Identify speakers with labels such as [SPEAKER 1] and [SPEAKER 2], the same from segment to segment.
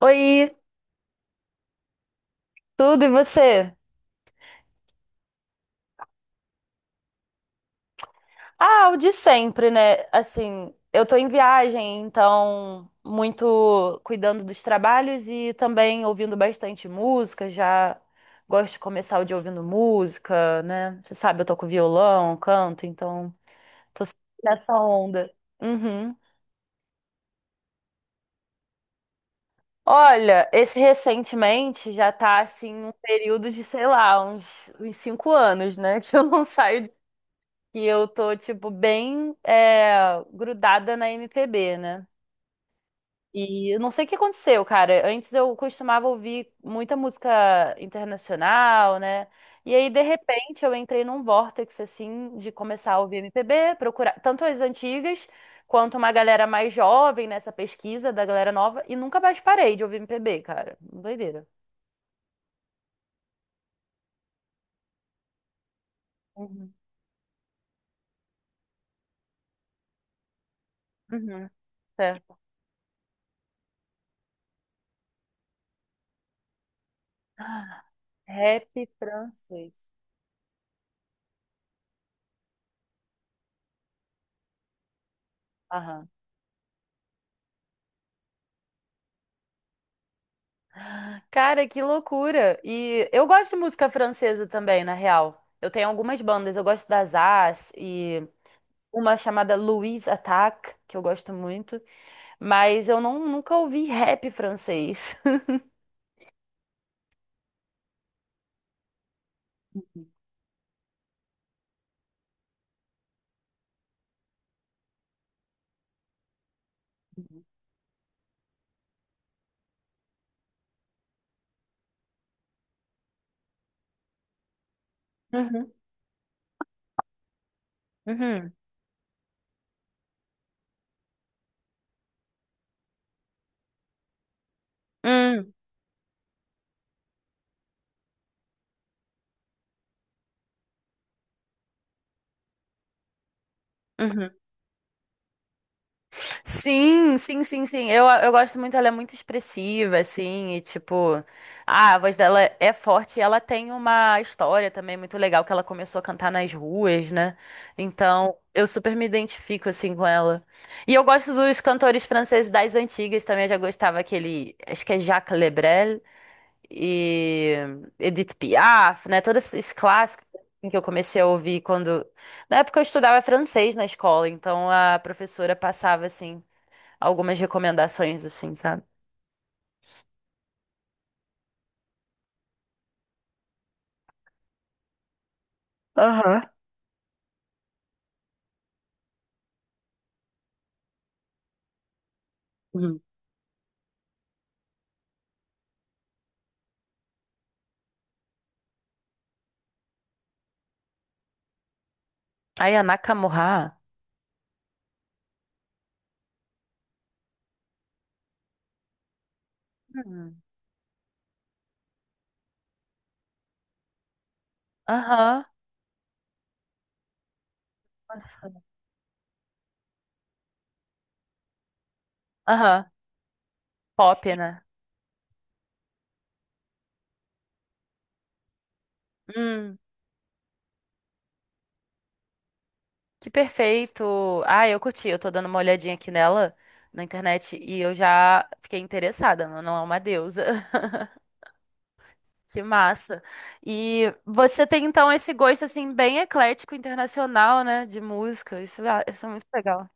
[SPEAKER 1] Oi, tudo e você? Ah, o de sempre, né? Assim, eu tô em viagem, então muito cuidando dos trabalhos e também ouvindo bastante música, já gosto de começar o dia ouvindo música, né? Você sabe, eu toco violão, canto, então tô sempre nessa onda. Uhum. Olha, esse recentemente já tá assim um período de, sei lá, uns 5 anos, né? Que eu não saio que eu tô, tipo, bem grudada na MPB, né? E eu não sei o que aconteceu, cara. Antes eu costumava ouvir muita música internacional, né? E aí, de repente, eu entrei num vórtice, assim, de começar a ouvir MPB, procurar tanto as antigas quanto uma galera mais jovem nessa pesquisa da galera nova, e nunca mais parei de ouvir MPB, cara. Doideira. Uhum. Uhum. Certo. Ah, rap francês. Cara, que loucura! E eu gosto de música francesa também, na real. Eu tenho algumas bandas, eu gosto das As e uma chamada Louise Attaque, que eu gosto muito, mas eu não, nunca ouvi rap francês. Uhum, uhum, uhum, uhum. Sim, sim, sim, sim. Eu gosto muito, ela é muito expressiva, assim, e tipo, ah, a voz dela é forte e ela tem uma história também muito legal que ela começou a cantar nas ruas, né? Então, eu super me identifico, assim, com ela. E eu gosto dos cantores franceses das antigas também, eu já gostava aquele, acho que é Jacques Lebrel e Edith Piaf, né? Todos esses clássicos assim, que eu comecei a ouvir quando... Na época eu estudava francês na escola, então a professora passava, assim algumas recomendações, assim, sabe? Aham. Uhum. Aí a Nakamura. Hum. Aham. Nossa. Aham. Pop, né? Hum, que perfeito. Ah, eu curti. Eu tô dando uma olhadinha aqui nela na internet e eu já fiquei interessada. Ela não é uma deusa. Que massa. E você tem então esse gosto assim bem eclético internacional, né, de música. Isso, isso é muito legal.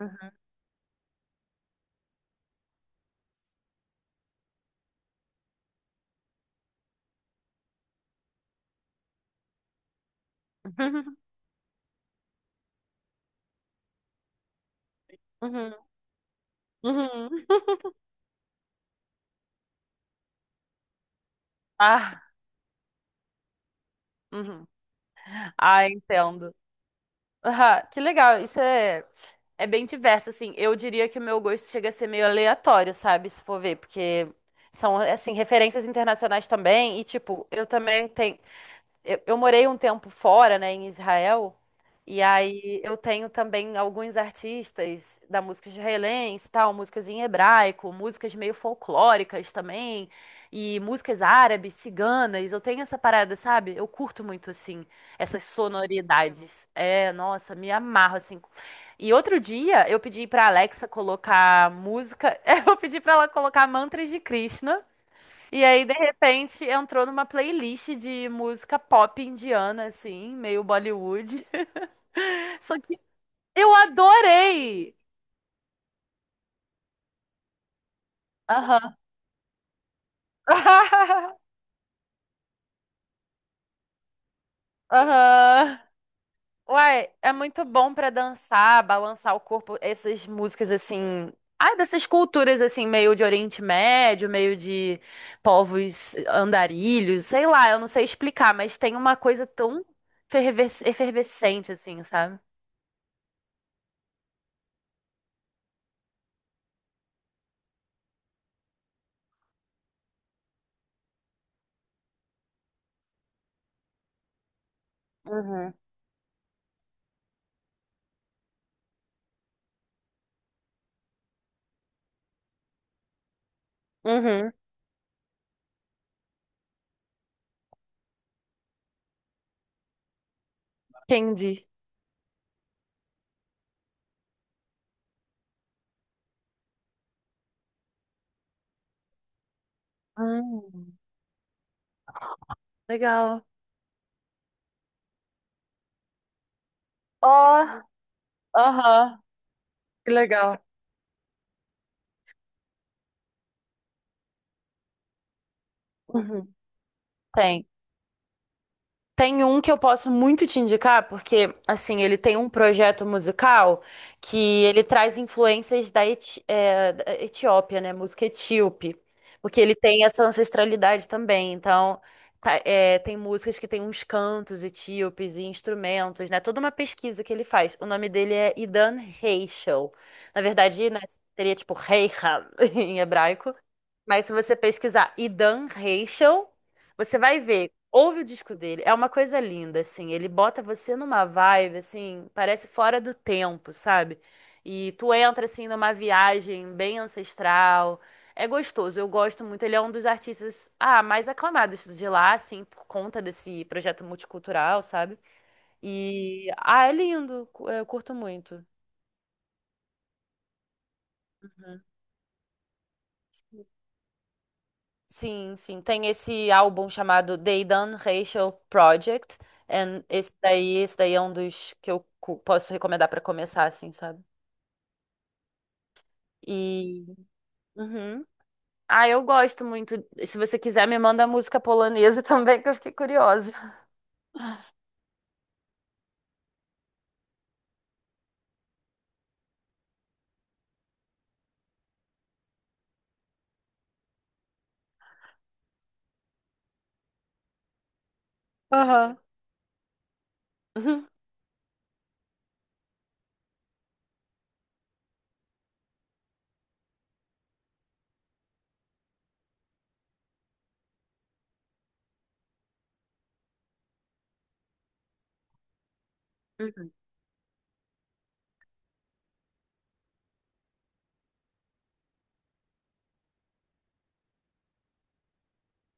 [SPEAKER 1] Uhum. Uhum. Uhum. Ah, uhum. Ah, entendo. Aham, que legal. É bem diverso, assim. Eu diria que o meu gosto chega a ser meio aleatório, sabe? Se for ver, porque são, assim, referências internacionais também. E, tipo, eu também tenho. Eu morei um tempo fora, né, em Israel, e aí eu tenho também alguns artistas da música israelense, e tal, músicas em hebraico, músicas meio folclóricas também, e músicas árabes, ciganas. Eu tenho essa parada, sabe? Eu curto muito assim essas sonoridades. É, nossa, me amarro assim. E outro dia eu pedi pra Alexa colocar música, eu pedi pra ela colocar mantras de Krishna. E aí, de repente, entrou numa playlist de música pop indiana, assim, meio Bollywood. Só que eu adorei! Aham. Aham. Uai, é muito bom pra dançar, balançar o corpo, essas músicas assim. Ah, dessas culturas assim, meio de Oriente Médio, meio de povos andarilhos, sei lá, eu não sei explicar, mas tem uma coisa tão efervescente assim, sabe? Uhum. Uhum. Candy. Hum, Legal. Ó, aham, que legal. Uhum. Tem. Tem um que eu posso muito te indicar, porque, assim, ele tem um projeto musical que ele traz influências da, da Etiópia, né? Música etíope. Porque ele tem essa ancestralidade também. Então, tem músicas que tem uns cantos etíopes e instrumentos, né? Toda uma pesquisa que ele faz. O nome dele é Idan Reichel. Na verdade, né, seria tipo Reicham em hebraico. Mas se você pesquisar Idan Reichel, você vai ver. Ouve o disco dele, é uma coisa linda, assim. Ele bota você numa vibe, assim, parece fora do tempo, sabe? E tu entra, assim, numa viagem bem ancestral. É gostoso, eu gosto muito. Ele é um dos artistas, ah, mais aclamados de lá, assim, por conta desse projeto multicultural, sabe? E, ah, é lindo, eu curto muito. Sim, sim. Tem esse álbum chamado They Done Racial Project. And esse daí é um dos que eu posso recomendar pra começar, assim, sabe? E. Uhum. Ah, eu gosto muito. Se você quiser, me manda música polonesa também, que eu fiquei curiosa. Aham. Uhum. Uhum.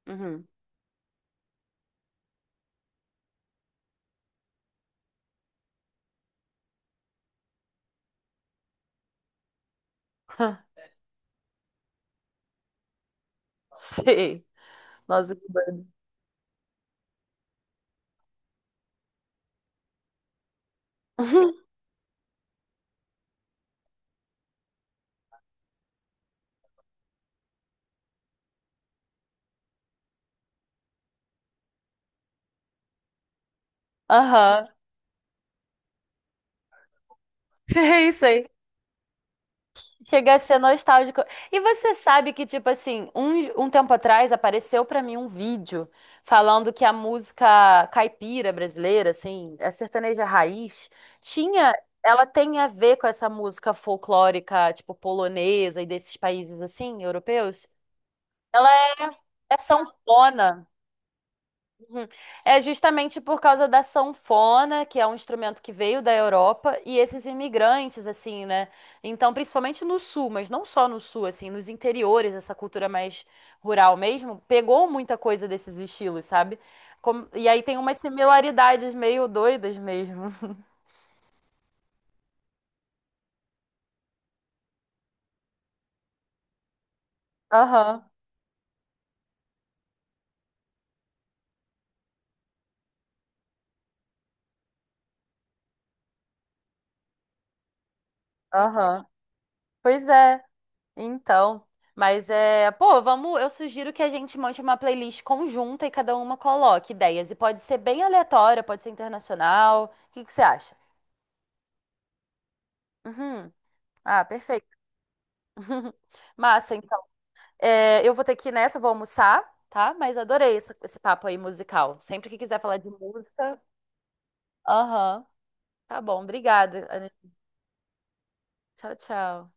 [SPEAKER 1] Uhum. Sei. Nossa, que banda. Uhum. Aham. Sei, sei. Chega a ser nostálgico. E você sabe que, tipo assim, um tempo atrás apareceu pra mim um vídeo falando que a música caipira brasileira, assim, a sertaneja raiz, tinha, ela tem a ver com essa música folclórica, tipo, polonesa e desses países, assim, europeus. Ela é, é sanfona. Uhum. É justamente por causa da sanfona, que é um instrumento que veio da Europa, e esses imigrantes, assim, né? Então, principalmente no sul, mas não só no sul, assim, nos interiores, essa cultura mais rural mesmo, pegou muita coisa desses estilos, sabe? E aí tem umas similaridades meio doidas mesmo. Aham, aham. Pois é. Então, mas é, pô, vamos, eu sugiro que a gente monte uma playlist conjunta e cada uma coloque ideias. E pode ser bem aleatória, pode ser internacional. O que que você acha? Uhum. Ah, perfeito. Massa, então. É, eu vou ter que ir nessa, vou almoçar, tá? Mas adorei esse papo aí musical. Sempre que quiser falar de música. Aham. Tá bom, obrigada. Ana. Tchau, tchau.